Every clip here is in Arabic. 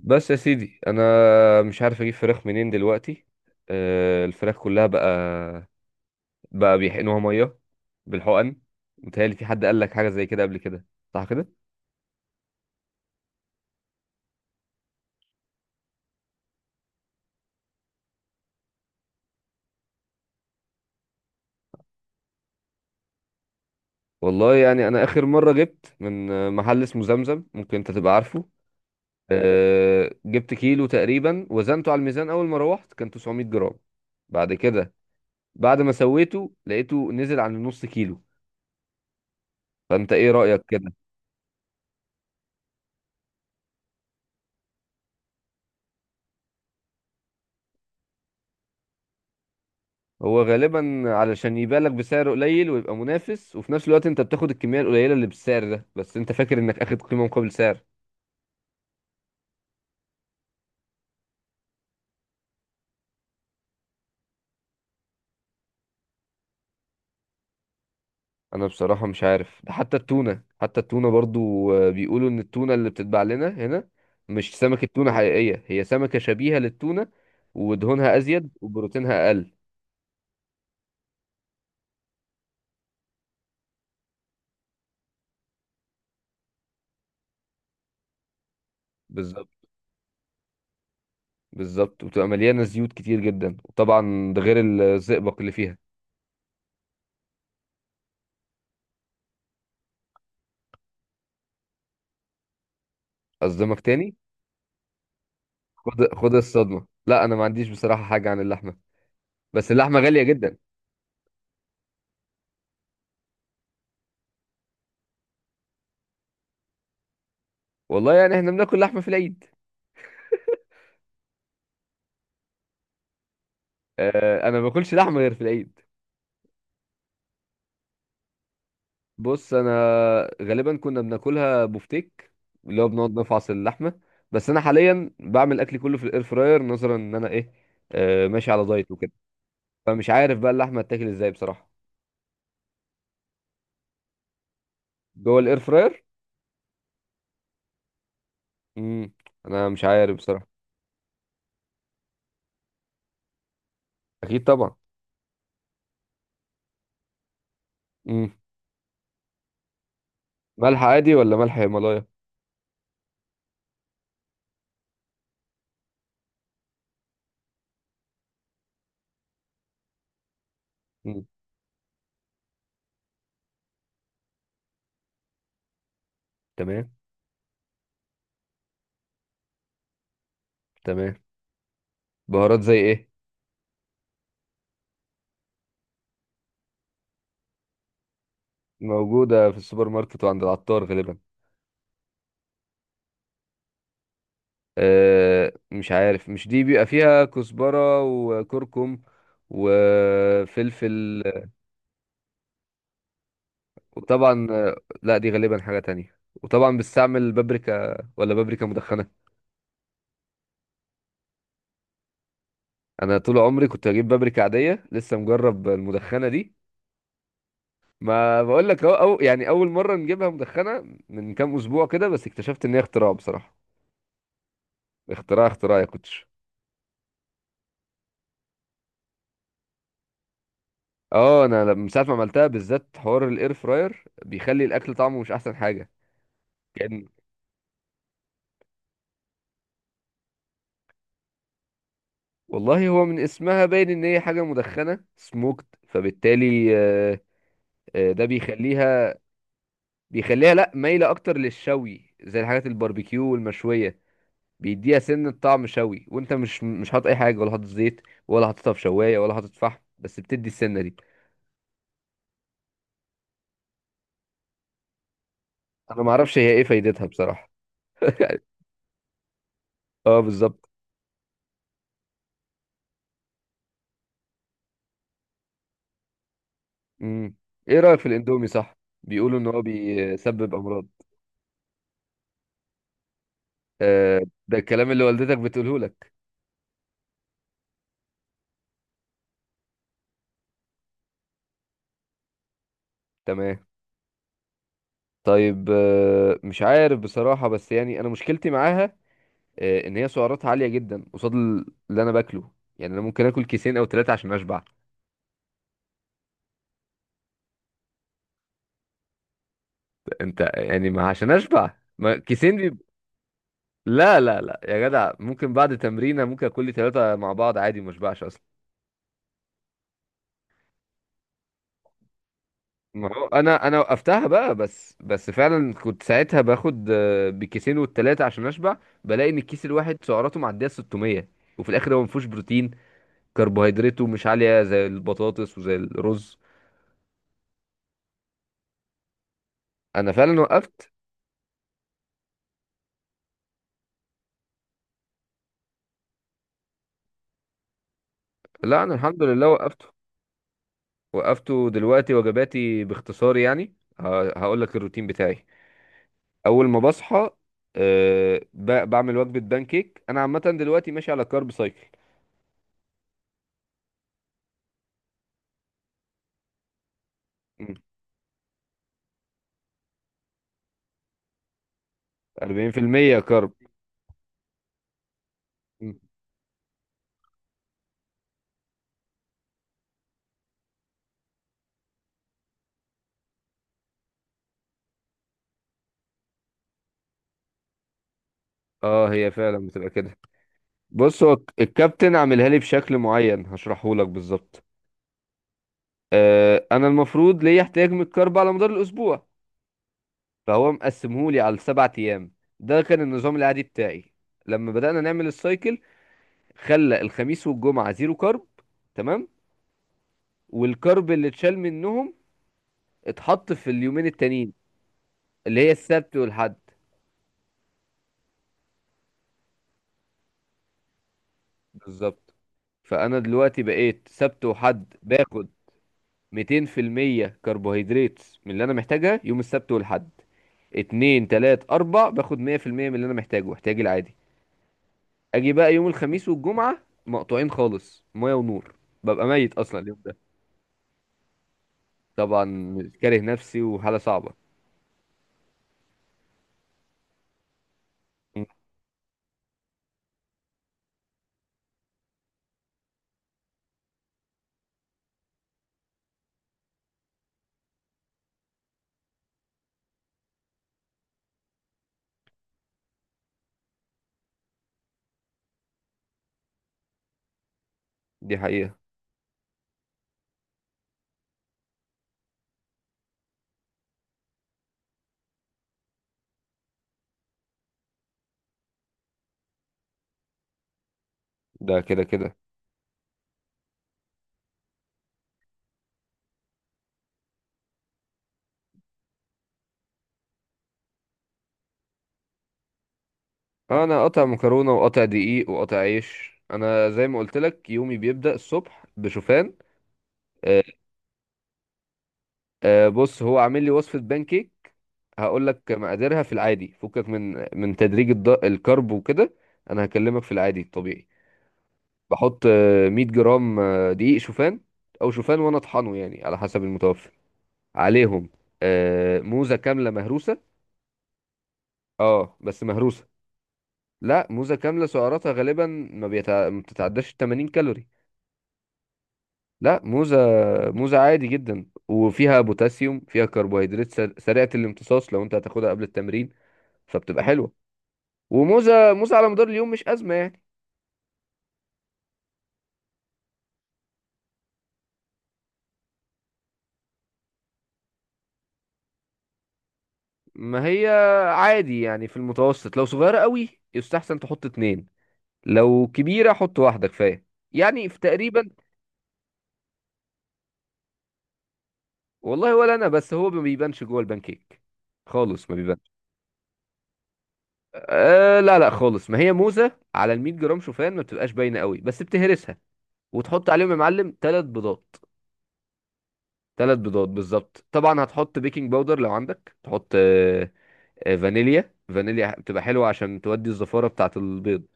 بس يا سيدي انا مش عارف اجيب فراخ منين دلوقتي. الفراخ كلها بقى بيحقنوها ميه بالحقن. متهيألي في حد قال لك حاجه زي كده قبل كده، صح كده؟ والله يعني انا اخر مره جبت من محل اسمه زمزم، ممكن انت تبقى عارفه. جبت كيلو تقريبا وزنته على الميزان، اول ما روحت كان 900 جرام. بعد كده بعد ما سويته لقيته نزل عن النص كيلو. فانت ايه رأيك كده؟ هو غالبا علشان يبيعلك بسعر قليل ويبقى منافس، وفي نفس الوقت انت بتاخد الكميه القليله اللي بالسعر ده، بس انت فاكر انك اخد قيمه مقابل سعر. انا بصراحه مش عارف. ده حتى التونه برضو بيقولوا ان التونه اللي بتتباع لنا هنا مش سمكه تونه حقيقيه، هي سمكه شبيهه للتونه. ودهونها ازيد وبروتينها اقل. بالظبط. بالظبط، وبتبقى مليانه زيوت كتير جدا، وطبعا ده غير الزئبق اللي فيها. اصدمك تاني. خد خد الصدمه، لا انا ما عنديش بصراحه حاجه عن اللحمه. بس اللحمه غاليه جدا. والله يعني احنا بناكل لحمه في العيد. انا ما باكلش لحمه غير في العيد. بص انا غالبا كنا بناكلها بفتيك، اللي هو بنقعد نفعص اللحمه. بس انا حاليا بعمل اكلي كله في الاير فراير، نظرا ان انا ايه، ماشي على دايت وكده. فمش عارف بقى اللحمه هتاكل ازاي بصراحه. جوه الاير فراير. امم. انا مش عارف بصراحه. اكيد طبعا. امم. ملح عادي ولا ملح هيمالايا؟ امم. تمام. تمام. بهارات زي ايه؟ موجوده في السوبر ماركت وعند العطار غالبا. مش عارف، مش دي بيبقى فيها كزبرة وكركم وفلفل؟ وطبعا لا دي غالبا حاجة تانية، وطبعا بستعمل بابريكا، ولا بابريكا مدخنة؟ انا طول عمري كنت بجيب بابريكا عادية، لسه مجرب المدخنة دي. ما بقول لك اهو. أو يعني اول مرة نجيبها مدخنة من كام اسبوع كده، بس اكتشفت ان هي اختراع بصراحة. اختراع اختراع يا كوتش. اه انا من ساعة ما عملتها بالذات حوار الاير فراير بيخلي الاكل طعمه مش احسن حاجة. كان والله هو من اسمها باين ان هي حاجه مدخنه سموكت، فبالتالي ده بيخليها، لا، مايله اكتر للشوي، زي الحاجات الباربيكيو والمشويه. بيديها سن طعم شوي، وانت مش حاطط اي حاجه، ولا حاطط زيت، ولا حاططها في شوايه، ولا حاطط فحم، بس بتدي السنه دي. انا ما اعرفش هي ايه فايدتها بصراحه. اه بالظبط. امم. ايه رايك في الاندومي، صح؟ بيقولوا ان هو بيسبب امراض. آه، ده الكلام اللي والدتك بتقوله لك. تمام. طيب مش عارف بصراحة، بس يعني أنا مشكلتي معاها، إن هي سعراتها عالية جدا قصاد اللي أنا باكله. يعني أنا ممكن آكل كيسين أو ثلاثة عشان أشبع. أنت يعني ما عشان أشبع ما كيسين لا لا لا يا جدع، ممكن بعد تمرينة ممكن آكل لي ثلاثة مع بعض عادي، ما أشبعش أصلا. ما هو أنا وقفتها بقى، بس فعلا كنت ساعتها باخد بكيسين والتلاتة عشان أشبع. بلاقي إن الكيس الواحد سعراته معدية 600، وفي الآخر هو ما فيهوش بروتين، كربوهيدراته مش عالية زي البطاطس وزي الرز. أنا فعلا وقفت. لا أنا الحمد لله وقفته. وقفته دلوقتي، وجباتي باختصار يعني هقول لك الروتين بتاعي. أول ما بصحى أه بعمل وجبة بانكيك. أنا عامة دلوقتي ماشي على كارب سايكل. مم. 40% كارب. مم. اه هي فعلا بتبقى كده. بص هو الكابتن عاملها لي بشكل معين هشرحه لك بالظبط. أه أنا المفروض ليا احتياج من الكارب على مدار الأسبوع، فهو مقسمهولي على السبع ايام. ده كان النظام العادي بتاعي. لما بدأنا نعمل السايكل خلى الخميس والجمعة زيرو كارب. تمام. والكارب اللي اتشال منهم اتحط في اليومين التانيين اللي هي السبت والحد. بالظبط. فانا دلوقتي بقيت سبت وحد باخد 200% كربوهيدرات من اللي انا محتاجها يوم السبت والحد. اتنين تلات اربع باخد 100% من اللي انا محتاجه احتياجي العادي. اجي بقى يوم الخميس والجمعه مقطوعين خالص، ميه ونور. ببقى ميت اصلا اليوم ده. طبعا كاره نفسي وحاله صعبه. مم. دي حقيقه. ده كده كده. انا قاطع مكرونه وقاطع دقيق وقاطع عيش. انا زي ما قلت لك يومي بيبدا الصبح بشوفان. آه، بص هو عامل لي وصفه بانكيك هقول لك مقاديرها في العادي، فكك من تدريج الكرب وكده. انا هكلمك في العادي الطبيعي. بحط 100 جرام دقيق شوفان او شوفان وانا اطحنه، يعني على حسب المتوفر عليهم. موزة كاملة مهروسة. اه بس مهروسة. لا موزة كاملة سعراتها غالبا ما بتتعداش 80 كالوري. لا، موزة. موزة عادي جدا، وفيها بوتاسيوم، فيها كربوهيدرات سريعة الامتصاص لو انت هتاخدها قبل التمرين، فبتبقى حلوة. وموزة موزة على مدار اليوم مش أزمة يعني. ما هي عادي يعني، في المتوسط لو صغيرة قوي يستحسن تحط اتنين، لو كبيرة حط واحدة كفاية. يعني في تقريبا. والله ولا انا. بس هو ما بيبانش جوه البانكيك خالص، ما بيبانش. آه لا لا خالص، ما هي موزه على ال 100 جرام شوفان ما بتبقاش باينه قوي، بس بتهرسها وتحط عليهم يا معلم ثلاث بيضات. ثلاث بيضات بالظبط. طبعا هتحط بيكنج باودر لو عندك، تحط فانيليا، فانيليا بتبقى حلوه عشان تودي الزفاره بتاعه البيض.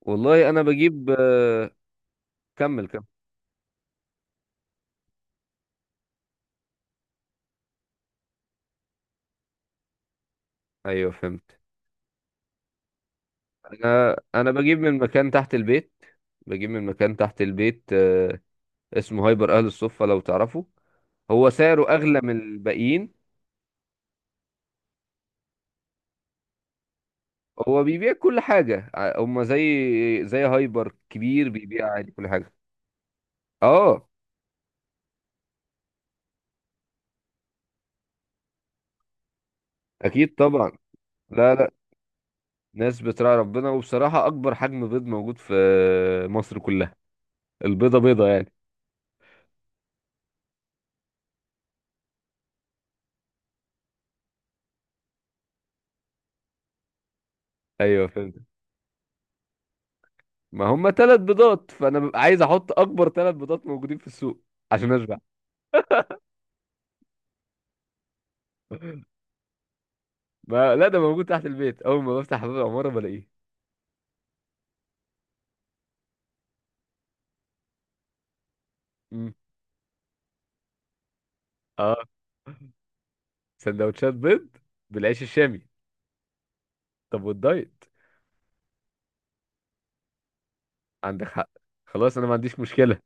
والله انا بجيب. كمل كمل. ايوه فهمت. انا بجيب من مكان تحت البيت. بجيب من مكان تحت البيت، اسمه هايبر اهل الصفة لو تعرفه. هو سعره اغلى من الباقيين. هو بيبيع كل حاجة. هما زي هايبر كبير، بيبيع عادي كل حاجة. اه اكيد طبعا. لا لا، ناس بتراعي ربنا. وبصراحة اكبر حجم بيض موجود في مصر كلها البيضة بيضة يعني. ايوه فهمت. ما هما ثلاث بيضات، فانا ببقى عايز احط اكبر ثلاث بيضات موجودين في السوق عشان اشبع. ما لا ده موجود تحت البيت، اول ما بفتح باب العمارة بلاقيه. مم. اه، سندوتشات بيض بالعيش الشامي. طب والدايت؟ عندك حق. خلاص انا ما عنديش مشكلة.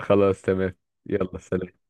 خلاص تمام. يلا سلام.